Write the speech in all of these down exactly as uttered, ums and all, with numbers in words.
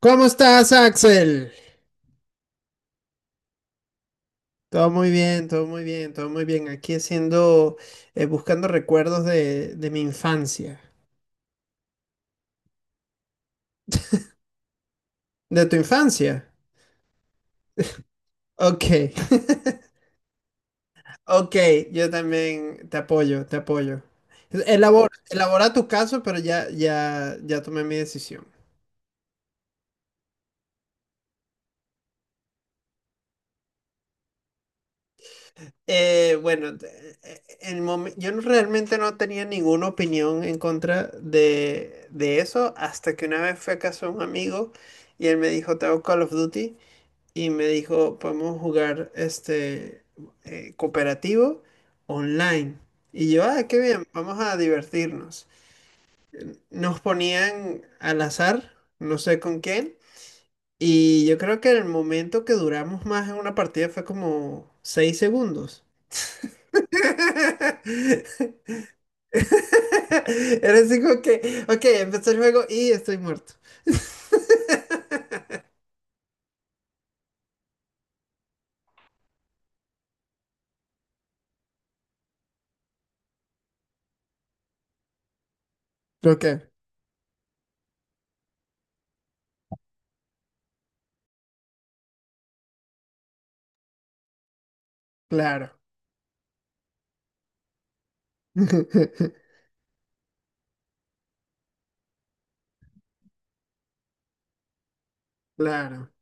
¿Cómo estás, Axel? Todo muy bien, todo muy bien, todo muy bien. Aquí haciendo, eh, buscando recuerdos de, de mi infancia. ¿De tu infancia? Ok. Ok, yo también te apoyo, te apoyo. Elabora, elabora tu caso, pero ya, ya, ya tomé mi decisión. Eh, bueno, te- eh, el momen- yo no- realmente no tenía ninguna opinión en contra de, de eso hasta que una vez fui a casa de un amigo y él me dijo, tengo Call of Duty. Y me dijo, podemos jugar este eh, cooperativo online. Y yo, ah, qué bien, vamos a divertirnos. Nos ponían al azar, no sé con quién, y yo creo que el momento que duramos más en una partida fue como seis segundos. Era así como que, ok, empezó el juego y estoy muerto. Ok, claro. Claro.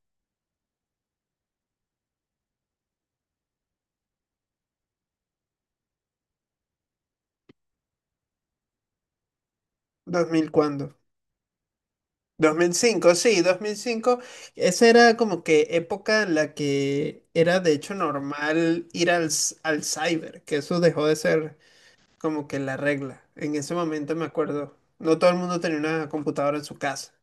¿Dos mil cuándo? Dos mil cinco, sí, dos mil cinco. Esa era como que época en la que era de hecho normal ir al, c- al cyber, que eso dejó de ser como que la regla. En ese momento me acuerdo, no todo el mundo tenía una computadora en su casa.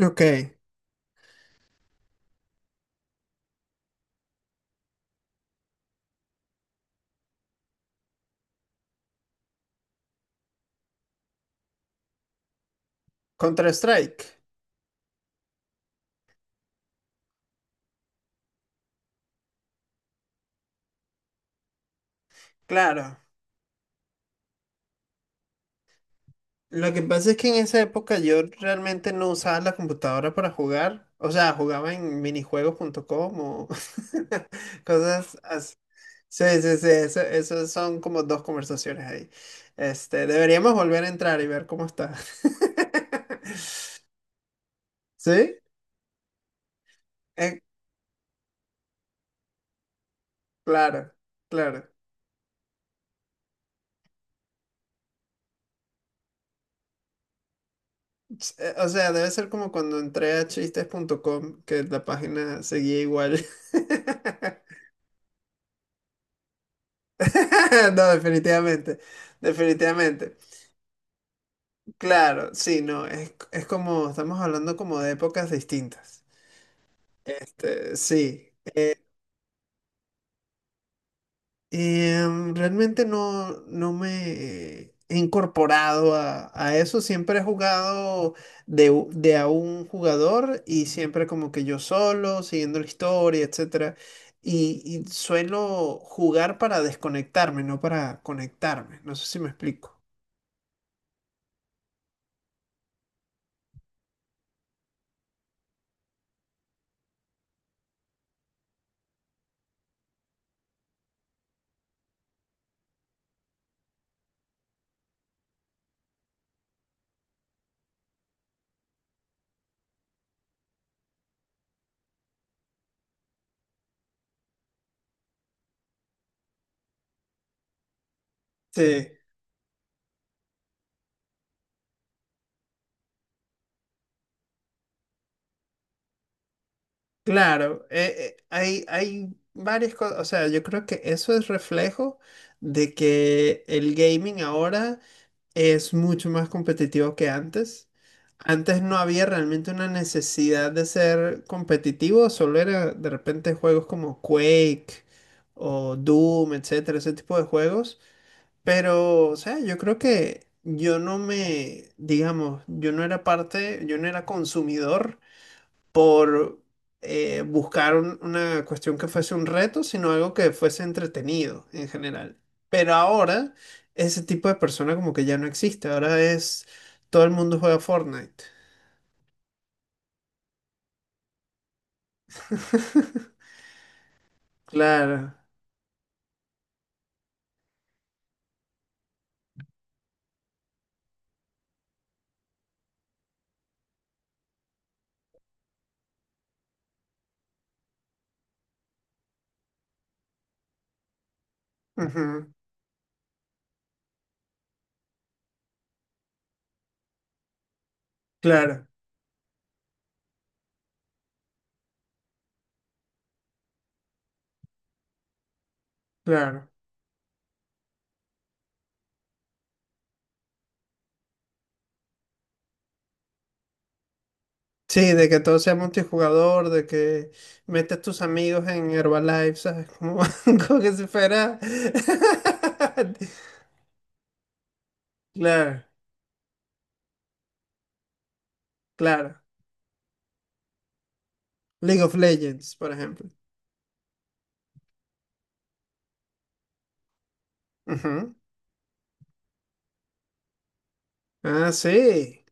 Ok. Counter-Strike, claro. Lo que pasa es que en esa época yo realmente no usaba la computadora para jugar. O sea, jugaba en minijuegos minijuegos.com o cosas así. Sí, sí, sí, eso, eso son como dos conversaciones ahí. Este, deberíamos volver a entrar y ver cómo está. ¿Sí? Eh, claro, claro. Ch- eh, O sea, debe ser como cuando entré a chistes punto com, que la página seguía igual. No, definitivamente, definitivamente. Claro, sí, no, es, es como, estamos hablando como de épocas distintas. Este, sí. Em, realmente no, no me he incorporado a, a eso. Siempre he jugado de, u- de a un jugador y siempre como que yo solo, siguiendo la historia, etcétera. Y, y suelo jugar para desconectarme, no para conectarme. No sé si me explico. Sí. Sí, claro. Eh, eh, hay, hay varias cosas. O sea, yo creo que eso es reflejo de que el gaming ahora es mucho más competitivo que antes. Antes no había realmente una necesidad de ser competitivo, solo era de repente juegos como Quake o Doom, etcétera, ese tipo de juegos. Pero, o sea, yo creo que yo no me, digamos, yo no era parte, yo no era consumidor por eh, buscar un- una cuestión que fuese un reto, sino algo que fuese entretenido en general. Pero ahora ese tipo de persona como que ya no existe, ahora es todo el mundo juega Fortnite. Claro, ujú, claro, claro. Sí, de que todo sea multijugador, de que metes tus amigos en Herbalife, ¿sabes? Como, como que si fuera... Claro, claro. League of Legends, por ejemplo. Ujú. Ah, sí.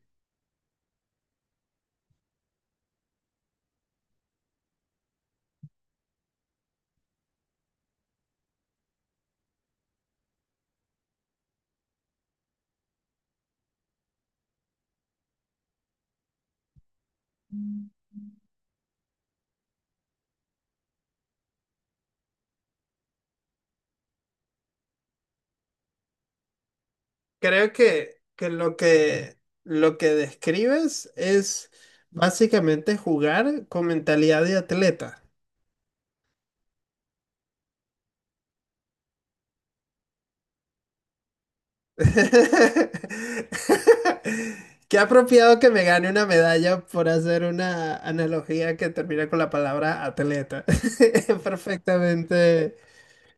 Creo que, que lo que lo que describes es básicamente jugar con mentalidad de atleta. Qué apropiado que me gane una medalla por hacer una analogía que termina con la palabra atleta. Perfectamente.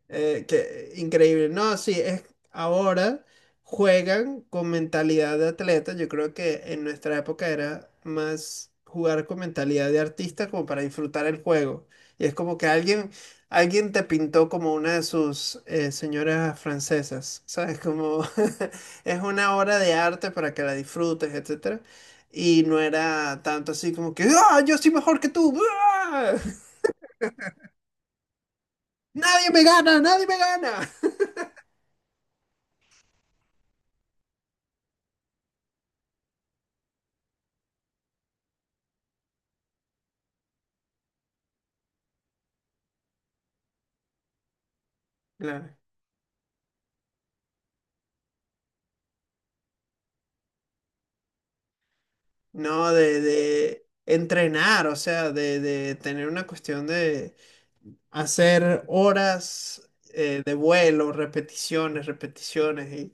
Eh, que- increíble. No, sí, es, ahora juegan con mentalidad de atleta. Yo creo que en nuestra época era más jugar con mentalidad de artista como para disfrutar el juego. Y es como que alguien, alguien te pintó como una de sus eh, señoras francesas, ¿sabes? Como es una obra de arte para que la disfrutes, etcétera. Y no era tanto así como que, ¡ah, yo soy mejor que tú! ¡Ah! ¡Nadie me gana! ¡Nadie me gana! Claro. No, de, de entrenar, o sea, de, de tener una cuestión de hacer horas eh, de vuelo, repeticiones, repeticiones, y, o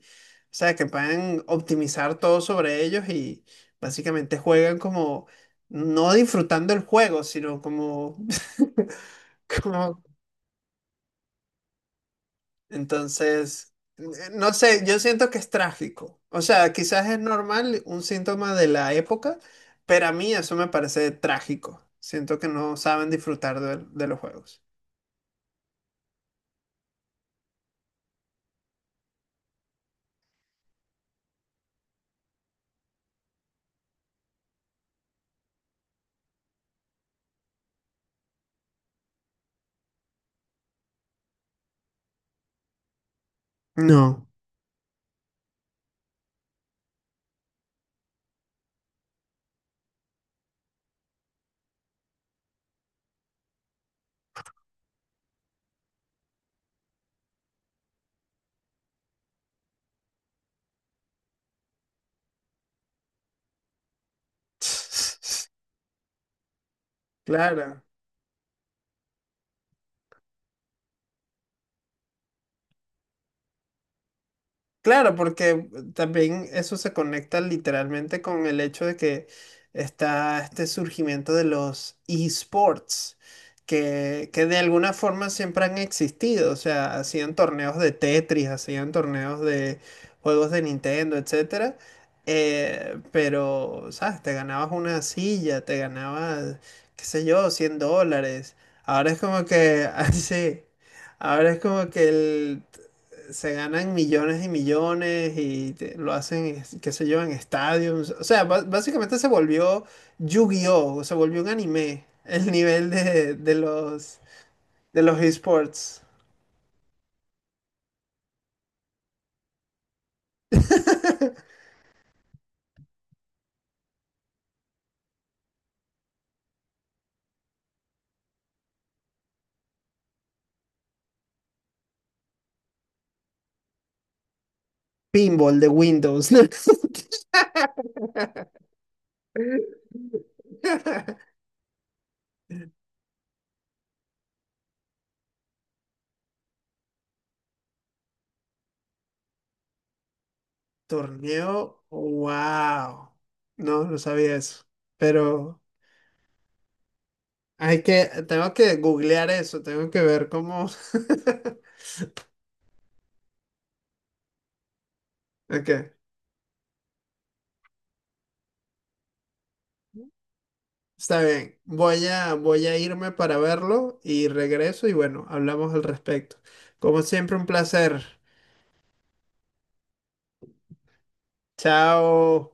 sea, que puedan optimizar todo sobre ellos y básicamente juegan como, no disfrutando el juego, sino como, como... Entonces, eh, no sé, yo siento que es trágico. O sea, quizás es normal, un síntoma de la época, pero a mí eso me parece trágico. Siento que no saben disfrutar de, de los juegos. No. Claro. Claro, porque también eso se conecta literalmente con el hecho de que está este surgimiento de los esports, que, que de alguna forma siempre han existido, o sea, hacían torneos de Tetris, hacían torneos de juegos de Nintendo, etcétera, eh, pero, ¿sabes? Te ganabas una silla, te ganabas, qué sé yo, cien dólares. Ahora es como que, así, ahora es como que el se ganan millones y millones y te- lo hacen, es- qué sé yo, en estadios. O sea, ba- básicamente se volvió Yu-Gi-Oh! Se volvió un anime. El nivel de, de los, de los esports. Pinball de Windows. Torneo, wow. No, no sabía eso. Pero hay que, tengo que googlear eso, tengo que ver cómo. Ok. Está bien, voy a, voy a irme para verlo y regreso y bueno, hablamos al respecto. Como siempre, un placer. Chao.